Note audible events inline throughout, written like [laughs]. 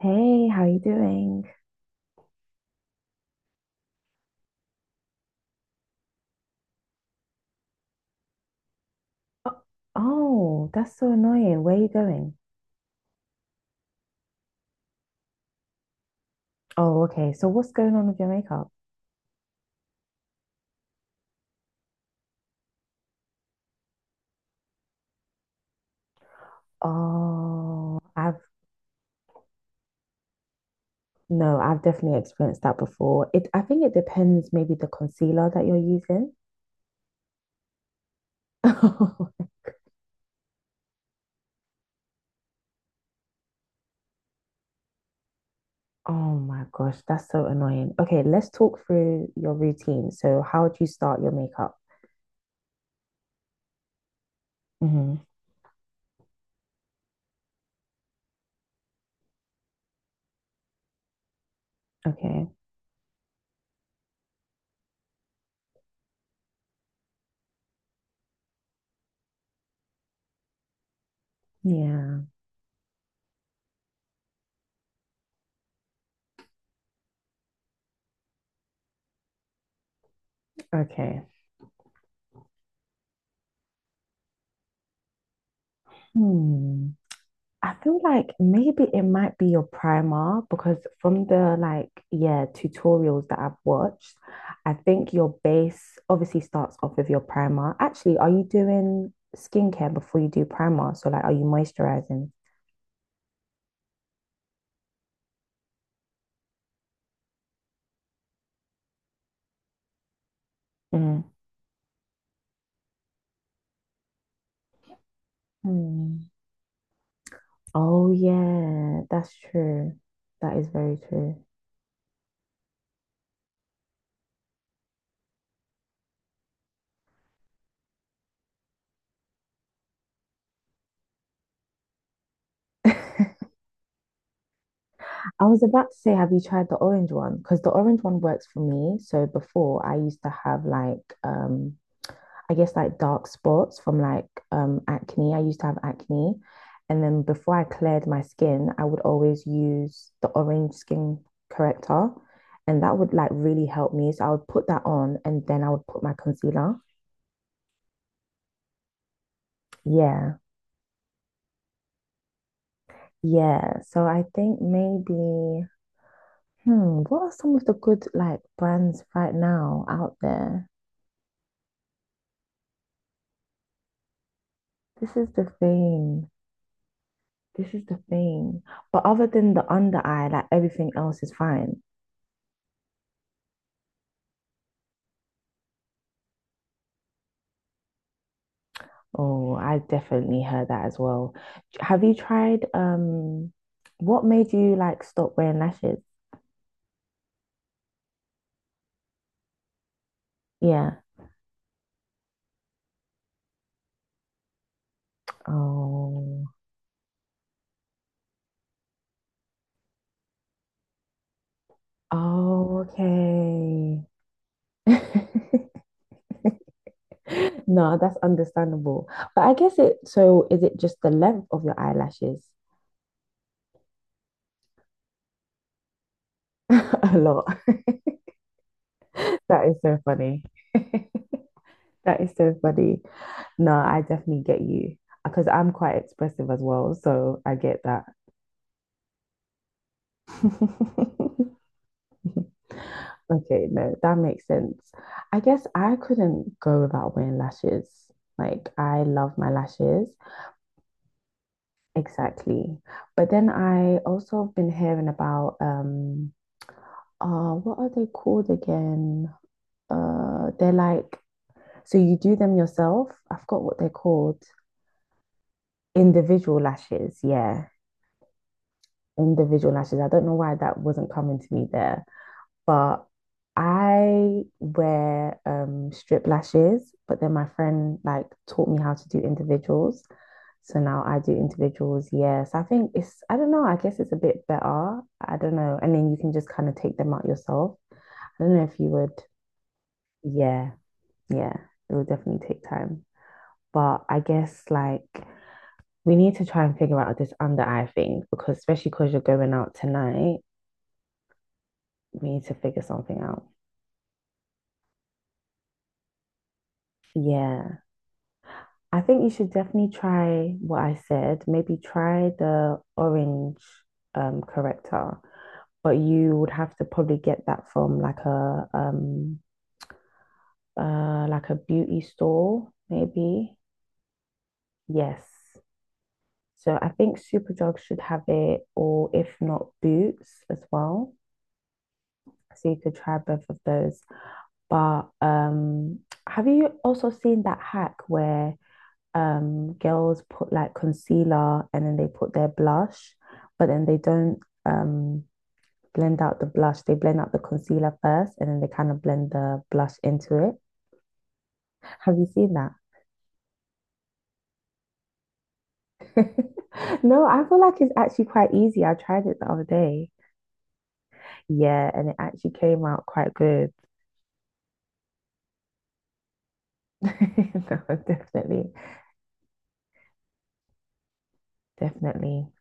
Hey, how you doing? Oh, oh, that's so annoying. Where are you going? Oh, okay. So what's going on with your makeup? Oh, I've no, I've definitely experienced that before. I think it depends maybe the concealer that you're using. [laughs] Oh my gosh, that's so annoying. Okay, let's talk through your routine. So how do you start your makeup? Hmm. Okay. Yeah. Okay. Hmm. I feel like maybe it might be your primer because from the, like, yeah, tutorials that I've watched, I think your base obviously starts off with your primer. Actually, are you doing skincare before you do primer? So like, are you moisturizing? Mm. Hmm. Oh yeah, that's true. That is very true. [laughs] I was about to say, have you tried the orange one? Because the orange one works for me. So before I used to have like I guess like dark spots from like acne. I used to have acne. And then before I cleared my skin, I would always use the orange skin corrector. And that would like really help me. So I would put that on and then I would put my concealer. Yeah. Yeah. So I think maybe, what are some of the good like brands right now out there? This is the thing. This is the thing. But other than the under eye, like everything else is fine. Oh, I definitely heard that as well. Have you tried what made you like stop wearing lashes? Yeah. Oh. Oh, okay. [laughs] No, that's understandable. But I guess it so is it just the length of your eyelashes? [laughs] A lot. [laughs] That is so funny. [laughs] That is so funny. No, I definitely get you because I'm quite expressive as well, so I get that. [laughs] Okay, no, that makes sense. I guess I couldn't go without wearing lashes. Like, I love my lashes. Exactly. But then I also have been hearing about what are they called again? They're like, so you do them yourself. I forgot what they're called. Individual lashes, yeah. Individual lashes. I don't know why that wasn't coming to me there. But I wear strip lashes, but then my friend like taught me how to do individuals. So now I do individuals, yeah. So I think it's, I don't know, I guess it's a bit better. I don't know. And then you can just kind of take them out yourself. I don't know if you would, yeah, yeah, it would definitely take time. But I guess like we need to try and figure out this under eye thing because especially because you're going out tonight, we need to figure something out. Yeah. I think you should definitely try what I said. Maybe try the orange corrector, but you would have to probably get that from like a beauty store, maybe. Yes. So I think Superdrug should have it, or if not, Boots as well. So you could try both of those. But have you also seen that hack where girls put like concealer and then they put their blush, but then they don't blend out the blush. They blend out the concealer first and then they kind of blend the blush into it. Have you seen that? [laughs] No, I feel like it's actually quite easy. I tried it the other day. Yeah, and it actually came out quite good. [laughs] No, definitely, definitely.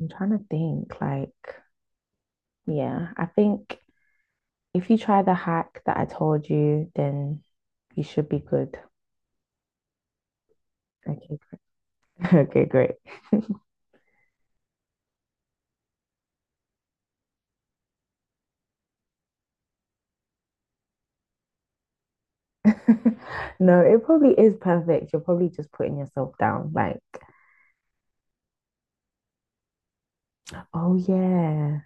I'm trying to think, like, yeah, I think if you try the hack that I told you, then you should be good. Okay, great. [laughs] Okay, great. [laughs] No, it probably is perfect. You're probably just putting yourself down, like. Oh yeah,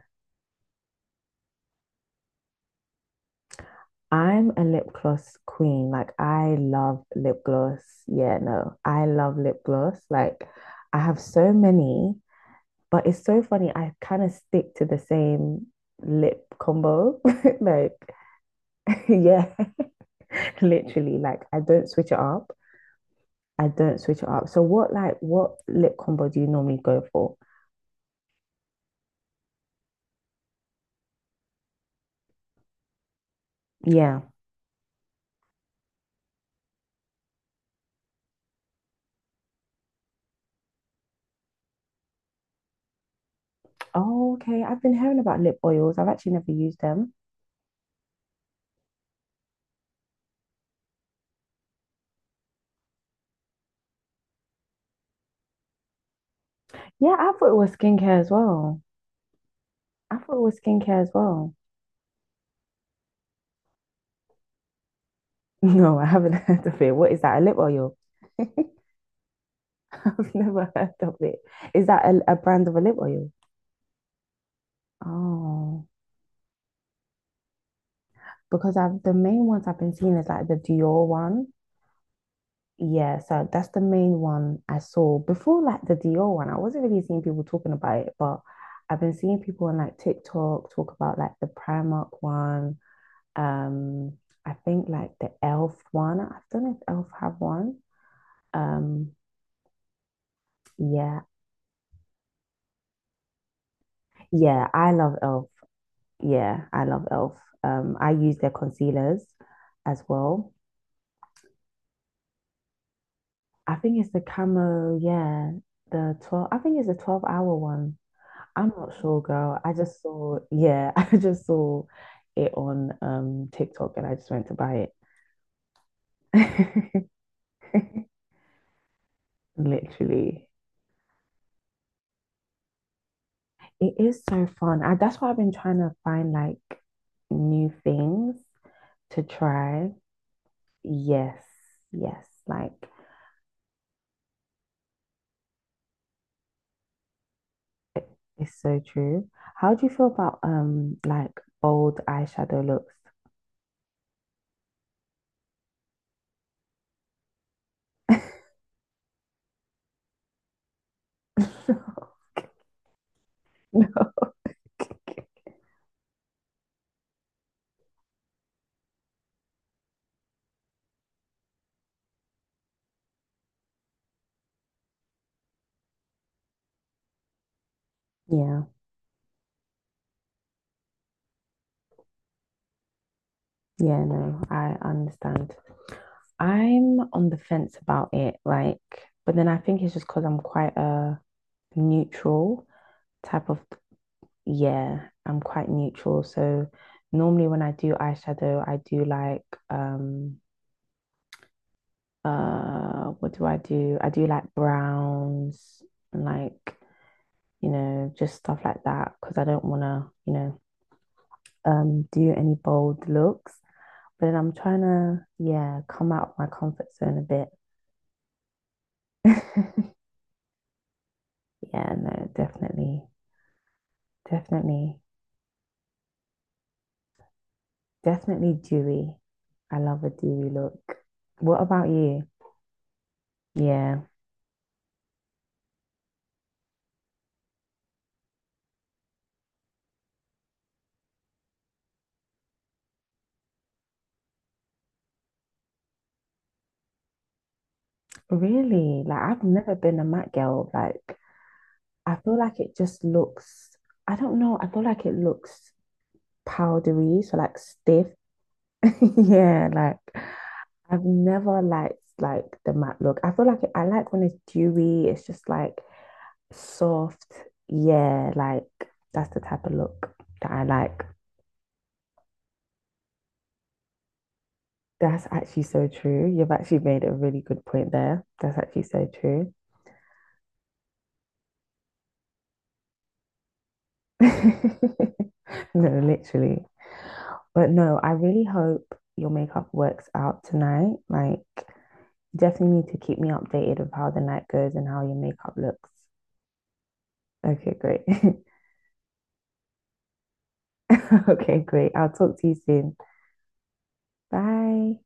I'm a lip gloss queen. Like I love lip gloss. Yeah, no, I love lip gloss. Like I have so many, but it's so funny. I kind of stick to the same lip combo. [laughs] Like, [laughs] yeah, [laughs] literally. Like I don't switch it up. I don't switch it up. So what lip combo do you normally go for? Yeah. Oh, okay. I've been hearing about lip oils. I've actually never used them. Yeah, I thought it was skincare as well. I thought it was skincare as well. [laughs] No, I haven't [laughs] heard of it. What is that? A lip oil? [laughs] I've never heard of it. Is that a brand of a lip oil? Oh, because I've the main ones I've been seeing is like the Dior one. Yeah, so that's the main one I saw before, like the Dior one. I wasn't really seeing people talking about it, but I've been seeing people on like TikTok talk about like the Primark one. Um, I think like the Elf one. I don't know if Elf have one. Um, yeah, yeah, I love Elf. Yeah, I love Elf. I use their concealers as well. I think it's the camo. Yeah, the 12. I think it's the 12 hour one. I'm not sure, girl. I just saw, yeah, [laughs] I just saw it on TikTok and I just went to buy it. [laughs] Literally. It is so fun. That's why I've been trying to find like new things to try. Yes, yes, like it's so true. How do you feel about like bold eyeshadow looks? [laughs] No. Yeah, yeah, no, I understand. I'm on the fence about it, like, but then I think it's just because I'm quite a neutral type of, yeah, I'm quite neutral. So normally when I do eyeshadow, I do like um what do I do? I do like browns and like, you know, just stuff like that because I don't want to, you know, do any bold looks. But then I'm trying to, yeah, come out of my comfort zone a bit. [laughs] Yeah, no, definitely. Definitely. Definitely dewy. I love a dewy look. What about you? Yeah. Really, like I've never been a matte girl. Like I feel like it just looks, I don't know, I feel like it looks powdery, so like stiff. [laughs] Yeah, like I've never liked like the matte look. I like when it's dewy, it's just like soft. Yeah, like that's the type of look that I like. That's actually so true. You've actually made a really good point there. That's actually so true. [laughs] No, literally. But no, I really hope your makeup works out tonight. Like, definitely need to keep me updated of how the night goes and how your makeup looks. Okay, great. [laughs] Okay, great. I'll talk to you soon. Bye.